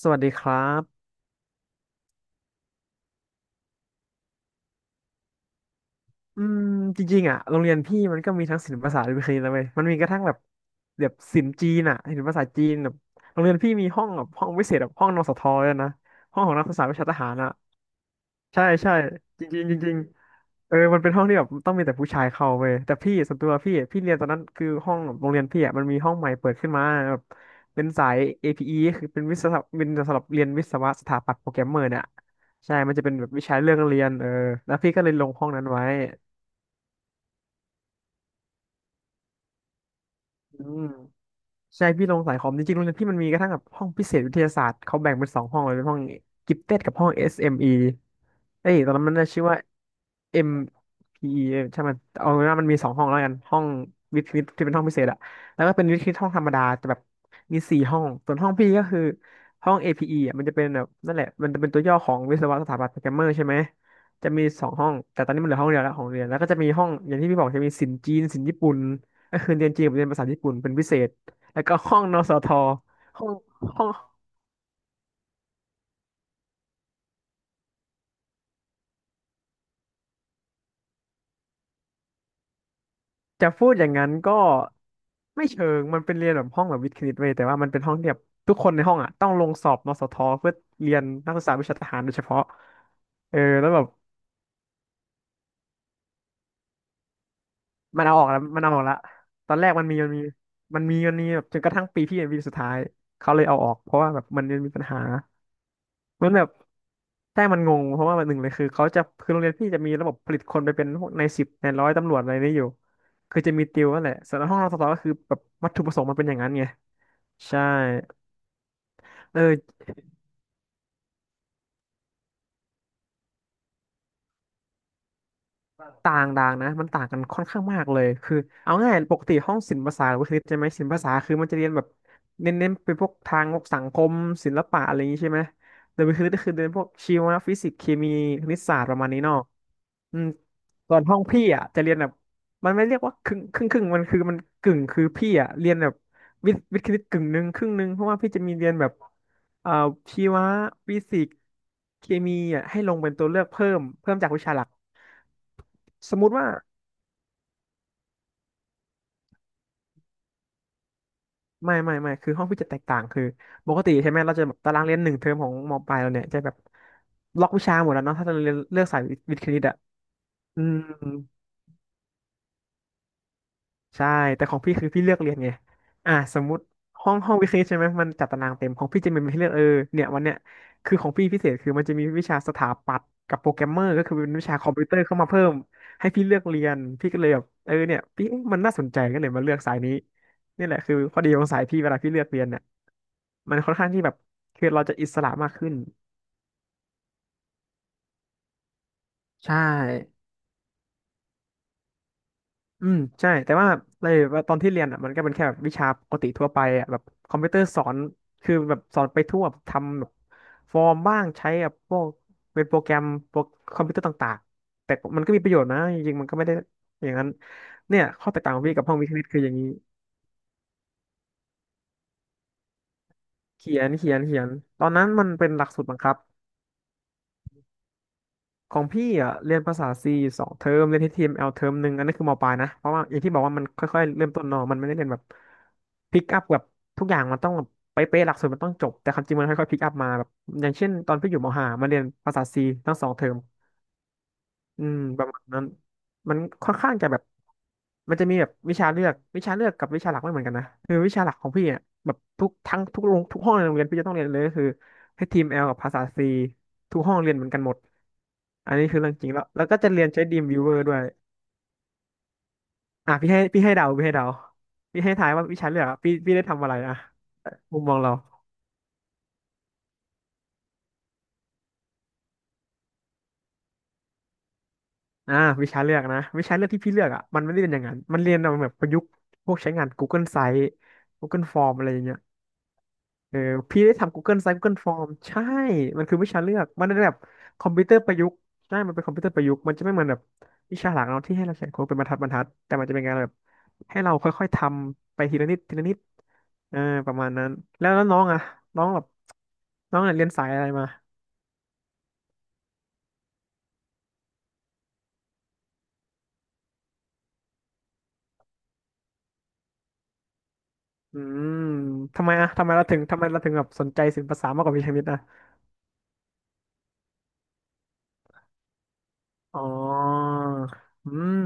สวัสดีครับ อืมจริงๆอ่ะโรงเรียนพี่มันก็มีทั้งศิลปศาสตร์และวิทยาศาสตน์เลยว้ยมันมีกระทั่งแบบศิลป์จีนอ่ะศิลปศาสตร์จีนแบบโรงเรียนพี่มีห้องแบบห้องพิเศษแบบห้องนสทด้วยนะ ห้องของนักศึกษาวิชาทหารอ่ะ ใช่ใช่จริงๆจริงๆเออมันเป็นห้องที่แบบต้องมีแต่ผู้ชายเข้าเว้ยแต่พี่ส่วนตัวพี่เรียนตอนนั้นคือห้องโรงเรียนพี่อ่ะมันมีห้องใหม่เปิดขึ้นมาแบบเป็นสาย APE คือเป็นวิศวะเป็นสำหรับเรียนวิศวะสถาปัตย์โปรแกรมเมอร์เนี่ยใช่ มันจะเป็นแบบวิชาเรื่องเรียนแล้วพี่ก็เลยลงห้องนั้นไว้อืมใช่พี่ลงสายคอมจริงๆโรงเรียนพี่มันมีกระทั่งแบบห้องพิเศษวิทยาศาสตร์เขาแบ่งเป็นสองห้องเลยเป็นห้องกิฟเต็ดกับห้อง SME เอมอีเอ้ยตอนนั้นมันน่าชื่อว่า MPE ใช่มันเอาเป็นว่ามันมีสองห้องแล้วกันห้องวิทย์คณิตที่เป็นห้องพิเศษอะแล้วก็เป็นวิทย์คณิตห้องธรรมดาแต่แบบมีสี่ห้องส่วนห้องพี่ก็คือห้อง APE อพีอีอะมันจะเป็นแบบนั่นแหละมันจะเป็นตัวย่อของวิศวะสถาปัตย์โปรแกรมเมอร์ใช่ไหมจะมีสองห้องแต่ตอนนี้มันเหลือห้องเดียวแล้วของเรียนแล้วก็จะมีห้องอย่างที่พี่บอกจะมีศิลป์จีนศิลป์ญี่ปุ่นก็คือเรียนจีนกับเรียนภาษาญี่ปุ่นเป็นพิเศษแล้วก็ห้องนสทห้องห้อง จะพูดอย่างนั้นก็ไม่เชิงมันเป็นเรียนแบบห้องแบบวิทย์คณิตเว้ยแต่ว่ามันเป็นห้องที่แบบทุกคนในห้องอ่ะต้องลงสอบนสทเพื่อเรียนนักศึกษาวิชาทหารโดยเฉพาะเออแล้วแบบมันเอาออกแล้วมันเอาออกละตอนแรกมันมีแบบจนกระทั่งปีพี่เป็นปีสุดท้ายเขาเลยเอาออกเพราะว่าแบบมันมีปัญหามันแบบใช่มันงงเพราะว่ามันหนึ่งเลยคือเขาจะคือโรงเรียนพี่จะมีระบบผลิตคนไปเป็นพวกนายสิบนายร้อยตำรวจอะไรนี่อยู่คือจะมีติวนั่นแหละส่วนห้องนสทก็คือแบบวัตถุประสงค์มันเป็นอย่างนั้นไง ใช่เออ ต่างต่างนะมันต่างกันค่อนข้างมากเลยคือเอาง่ายปกติห้องศิลปศาสตร์หรือว่าคลิปใช่ไหมศิลปศาสตร์คือมันจะเรียนแบบเน้นเป็นพวกทางพวกสังคมศิลปะอะไรอย่างนี้ใช่ไหมแต่วิคลิปก็คือเรียนพวกชีวะฟิสิกส์เคมีคณิตศาสตร์ประมาณนี้เนาะอืมส่วนห้องพี่อ่ะจะเรียนแบบมันไม่เรียกว่าครึ่งมันคือมันกึ่งคือพี่อ่ะเรียนแบบวิทย์คณิตกึ่งหนึ่งครึ่งหนึ่งเพราะว่าพี่จะมีเรียนแบบเอ่อชีวะฟิสิกส์เคมีอ่ะให้ลงเป็นตัวเลือกเพิ่มจากวิชาหลักสมมุติว่า ไม่ คือห้องพี่จะแตกต่าง คือปกติใช่ไหมเราจะแบบตารางเรียนหนึ่งเทอมของมปลายเราเนี่ยจะแบบล็อกวิชาหมดแล้วเนาะถ้าเราเรียนเลือกสายวิทย์คณิตอ่ะอืม ใช่แต่ของพี่คือพี่เลือกเรียนไงอ่ะสมมติห้องวิเคราะห์ใช่ไหมมันจัดตารางเต็มของพี่จะมีให้เลือกเออเนี่ยวันเนี้ยคือของพี่พิเศษคือมันจะมีวิชาสถาปัตย์กับโปรแกรมเมอร์ก็คือเป็นวิชาคอมพิวเตอร์เข้ามาเพิ่มให้พี่เลือกเรียนพี่ก็เลยแบบเออเนี่ยพี่เอ๊ะมันน่าสนใจก็เลยมาเลือกสายนี้นี่แหละคือข้อดีของสายพี่เวลาพี่เลือกเรียนเนี่ยมันค่อนข้างที่แบบคือเราจะอิสระมากขึ้นใช่ อืมใช่แต่ว่าในตอนที่เรียนอ่ะมันก็เป็นแค่แบบวิชาปกติทั่วไปอ่ะแบบคอมพิวเตอร์สอนคือแบบสอนไปทั่วแบบทำแบบฟอร์มบ้างใช้แบบพวกเป็นโปรแกรมโปรคอมพิวเตอร์ต่างๆแต่มันก็มีประโยชน์นะจริงๆมันก็ไม่ได้อย่างนั้นเนี่ยข้อแตกต่างของพี่กับห้องวิทย์คณิตคืออย่างนี้เขียนตอนนั้นมันเป็นหลักสูตรบังคับ ของพี่อ่ะเรียนภาษาซีสองเทอมเรียนที่ทีมเอลเทอมหนึ่งอันนั้นคือมปลายนะเพราะว่าอย่างที่บอกว่ามันค่อยๆเริ่มต้นเนอะมันไม่ได้เรียนแบบพิกอัพแบบทุกอย่างมันต้องแบบเป๊ะๆหลักสูตรมันต้องจบแต่ความจริงมันค่อยๆพิกอัพมาแบบอย่างเช่นตอนพี่อยู่มห้ามาเรียนภาษาซีทั้งสองเทอมประมาณนั้นมันค่อนข้างจะแบบมันจะมีแบบวิชาเลือกกับวิชาหลักไม่เหมือนกันนะคือวิชาหลักของพี่อ่ะแบบทุกโรงทุกห้องในโรงเรียนพี่จะต้องเรียนเลยก็คือให้ทีมเอลกับภาษาซีทุกห้องเรียนเหมือนกันหมด อันนี้คือเรื่องจริงแล้วแล้วก็จะเรียนใช้ดีมวิวเ a v e r ด้วยอ่ะพี่ให้เดาพี่ให้ทายว่าวิชาเลือกอะพี่ได้ทำอะไรอะมุมมองเราอ่าวิชาเลือกนะวิชาเลือกที่พี่เลือกอ่ะมันไม่ได้เรียนอย่างนั้นมันเรียนเอาแบบประยุกต์พวกใช้งาน Google Site Google Form อะไรอย่างเงี้ย เออพี่ได้ทำ Google s i t e Google Form ใช่มันคือวิชาเลือกมันเป็นแบบคอมพิวเตอร์ประยุกต์ใช่มันเป็นคอมพิวเตอร์ประยุกต์มันจะไม่เหมือนแบบวิชาหลักเนาะที่ให้เราเขียนโค้ดเป็นบรรทัดบรรทัดแต่มันจะเป็นการแบบให้เราค่อยๆทำไปทีละนิดทีละนิดเออประมาณนั้นแล้วแล้วน้องอะน้องแบบน้องเนเรียนสายอะไรมาอืมทำไมอะทำไมเราถึงแบบสนใจศิลปศาสตร์มากกว่าวิชาวิทย์อะอ๋ออืม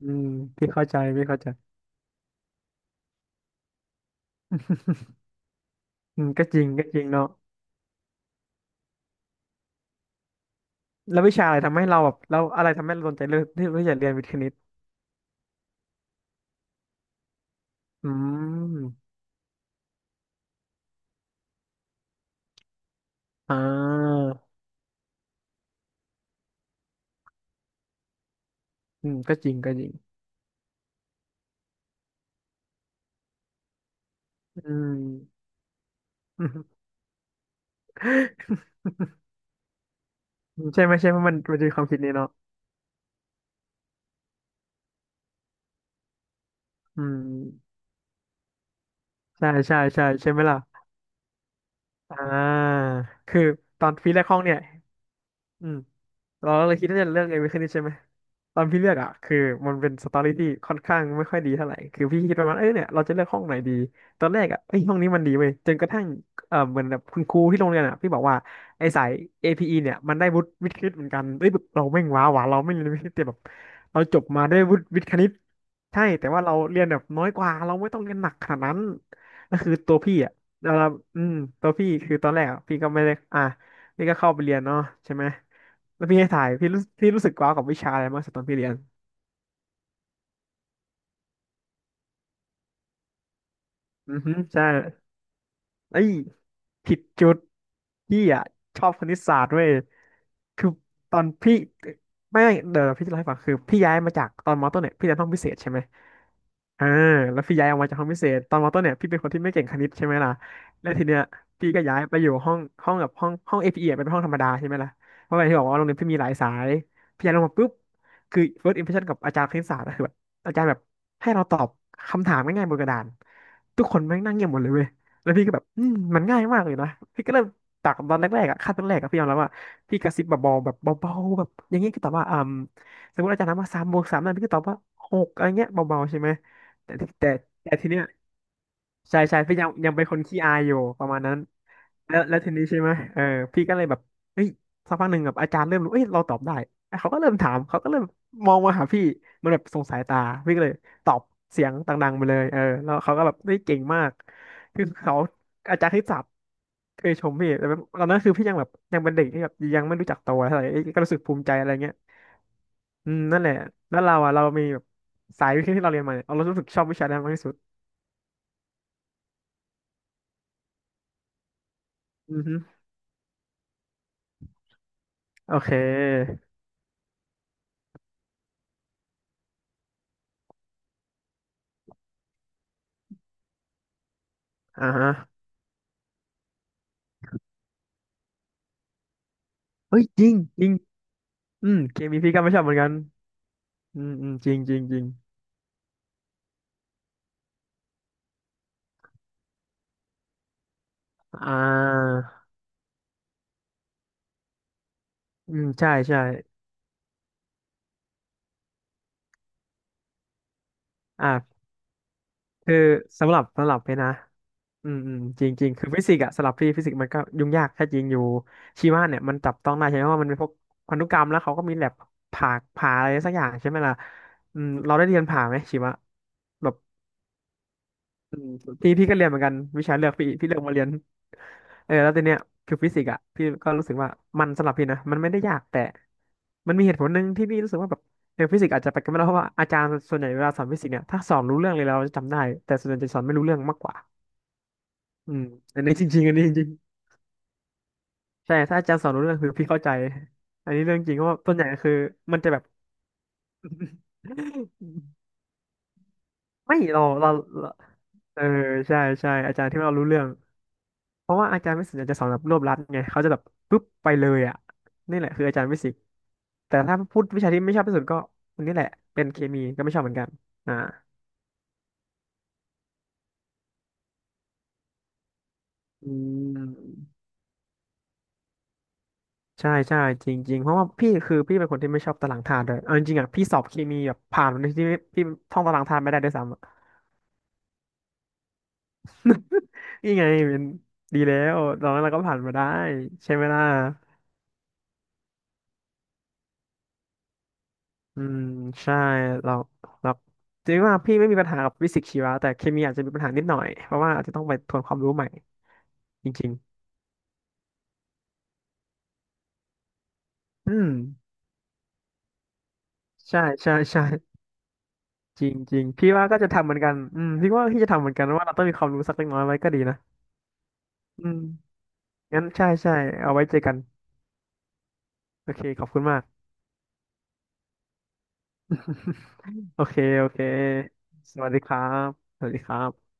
อืมพี่เข้าใจพี่เข้าใจอืมก็จริงก็จริงเนาะ แล้ววิชาอะไรทำให้เราแบบเราอะไรทำให้เราสนใจเรื่องที่จะเรียนวิทย์คณิตอืมอ่าอืมก็จริงก็จริงอืม ใช่ไหมมันจะมีความคิดนี้เนาะอืมใช่ใช่ไหมล่ะอ่าคือตอนฟีแรกห้องเนี่ยอืมเราเลยคิดว่าจะเลือกเรียนวิทย์คณิตใช่ไหม ตอนพี่เลือกอ่ะคือมันเป็นสตอรี่ที่ค่อนข้างไม่ค่อยดีเท่าไหร่คือพี่คิดประมาณเอ้ยเนี่ยเราจะเลือกห้องไหนดีตอนแรกอ่ะเอ้ยห้องนี้มันดีเว้ยจนกระทั่งเออเหมือนแบบคุณครูที่โรงเรียนอ่ะพี่บอกว่าไอ้สาย APE เนี่ยมันได้วุฒิวิทย์คณิตเหมือนกันเอ้ยแบบเราแม่งว้าวะเราไม่เรียนวิทย์คณิตแต่แบบเราจบมาได้วุฒิวิทย์คณิตใช่แต่ว่าเราเรียนแบบน้อยกว่าเราไม่ต้องเรียนหนักขนาดนั้นก็คือตัวพี่อ่ะเราอืมตัวพี่คือตอนแรกอะพี่ก็ไม่ได้อ่ะ นี่ก็เข้าไปเรียนเนาะใช่ไหม แล้วพี่ให้ถ่ายพี่รู้พี่รู้สึกว้าวกับวิชาอะไรมากสุดตอนพี่เรียน อือฮึใช่เอ้ย ผิดจุดพี่อ่ะชอบคณิตศาสตร์เว้ยคือตอนพี่ไม่เดี๋ยวพี่จะเล่าให้ฟังคือพี่ย้ายมาจากตอนมอต้นเนี่ยพี่เรียนห้องพิเศษใช่ไหมอ่าแล้วพี่ย้ายออกมาจากห้องพิเศษตอนมอต้นเนี่ยพี่เป็นคนที่ไม่เก่งคณิตใช่ไหมล่ะแล้วทีเนี้ยพี่ก็ย้ายไปอยู่ห้อง APE อพีอีอะเป็นห้องธรรมดาใช่ไหมล่ะเพราะว่าอย่างที่บอกว่าโรงเรียนพี่มีหลายสายพี่ย้ายลงมาปุ๊บคือ first impression กับอาจารย์คณิตศาสตร์อะคือแบบอาจารย์แบบให้เราตอบคำถามง่ายๆบนกระดานทุกคนแม่งนั่งเงียบหมดเลยเว้ย แล้วพี่ก็แบบอืมมันง่ายมากเลยนะพี่ก็เริ่มจากตอนแรกๆอ่ะขั้นตอนแรกอะพี่ยอมรับว่าพี่กระซิบแบบเบาๆแบบเบาๆแบบอย่างงี้ก็ตอบว่าอ่าสมมติอาจารย์ถามว่าสามบวกสามนั่นพี่ก็ตอบว่าหกอะไรเงี้ยเบาๆใช่ไหมแต่ที่แต่แต่ทีเนี้ย ใช่ใช่พี่ยังเป็นคนขี้อายอยู่ประมาณนั้นแล้วทีนี้ใช่ไหมเออพี่ก็เลยแบบเฮ้ยสักพักหนึ่งแบบอาจารย์เริ่มรู้เอ้ยเราตอบได้เอ้ยเขาก็เริ่มถามเขาก็เริ่มมองมาหาพี่มันแบบส่งสายตาพี่ก็เลยตอบเสียงดังๆไปเลยเออแล้วเขาก็แบบเฮ้ยเก่งมากคือเขาอาจารย์ที่สับเคยชมพี่แต่แบบตอนนั้นคือพี่ยังแบบยังเป็นเด็กที่แบบยังไม่รู้จักตัวเท่าไหร่เอ้ยก็รู้สึกภูมิใจอะไรเงี้ยอืมนั่นแหละแล้วเราอ่ะเรามีแบบสายวิทย์ที่เราเรียนมาเนี่ยเรารู้สึกชอบวิชานั้นมากที่สุดอือฮึโอเค อ่าฮะเฮ้ยจริงจริงอืมเคมีพี่ก็ไม่ชอบเหมือนกันอืมอืมจริงจริงจริงอ่าอืมใช่ใช่อ่าคือสำหรับเพชรนะอืมอืมจริงจริงคือฟิสิกส์อะสำหรับพี่ฟิสิกส์มันก็ยุ่งยากแค่จริงอยู่ชีวะเนี่ยมันจับต้องได้ใช่ไหมว่ามันเป็นพวกพันธุกรรมแล้วเขาก็มีแลบผ่าผ่าอะไรสักอย่างใช่ไหมล่ะอืมเราได้เรียนผ่าไหมชีวะแบบ อืมพี่ก็เรียนเหมือนกันวิชาเลือกพี่เลือกมาเรียนเออแล้วทีเนี้ยคือฟิสิกส์อ่ะพี่ก็รู้สึกว่ามันสำหรับพี่นะมันไม่ได้ยากแต่มันมีเหตุผลหนึ่งที่พี่รู้สึกว่าแบบเออฟิสิกส์อาจจะไปกันไม่ได้เพราะว่าอาจารย์ส่วนใหญ่เวลาสอนฟิสิกส์เนี่ยถ้าสอนรู้เรื่องเลยเราจะจำได้แต่ส่วนใหญ่จะสอนไม่รู้เรื่องมากกว่าอืมอันนี้จริงๆอันนี้จริงๆใช่ถ้าอาจารย์สอนรู้เรื่องคือพี่เข้าใจอันนี้เรื่องจริงเพราะว่าส่วนใหญ่คือมันจะแบบ ไม่เราเราเออใช่ใช่อาจารย์ที่เรารู้เรื่อง เพราะว่าอาจารย์วิสิตอาจจะสอนแบบรวบรัดไงเขาจะแบบปุ๊บไปเลยอ่ะนี่แหละคืออาจารย์วิสิตแต่ถ้าพูดวิชาที่ไม่ชอบที่สุดก็อันนี้แหละเป็นเคมีก็ไม่ชอบเหมือนกันอ่าอืมใช่ใช่จริงๆเพราะว่าพี่คือพี่เป็นคนที่ไม่ชอบตารางธาตุด้วยเอาจริงๆอ่ะพี่สอบเคมีแบบผ่านในที่พี่ท่องตารางธาตุไม่ได้ด้วยซ้ำอะ นี่ไงเป็นดีแล้วตอนนั้นเราก็ผ่านมาได้ใช่ไหมล่ะ อืมใช่เราเราจริงๆว่าพี่ไม่มีปัญหากับฟิสิกส์ชีวะแต่เคมีอาจจะมีปัญหานิดหน่อยเพราะว่าอาจจะต้องไปทวนความรู้ใหม่จริงๆอืมใช่ใช่ใช่จริงจริงพี่ว่าก็จะทำเหมือนกันอืมพี่ว่าพี่จะทำเหมือนกันว่าเราต้องมีความรู้สักเล็กน้อยไว้ก็ดีนะอืมงั้นใช่ใช่เอาไว้เจอกันโอเคขอบคุณมาก โอเคโอเคสวัสดีครับสวัสดีครับ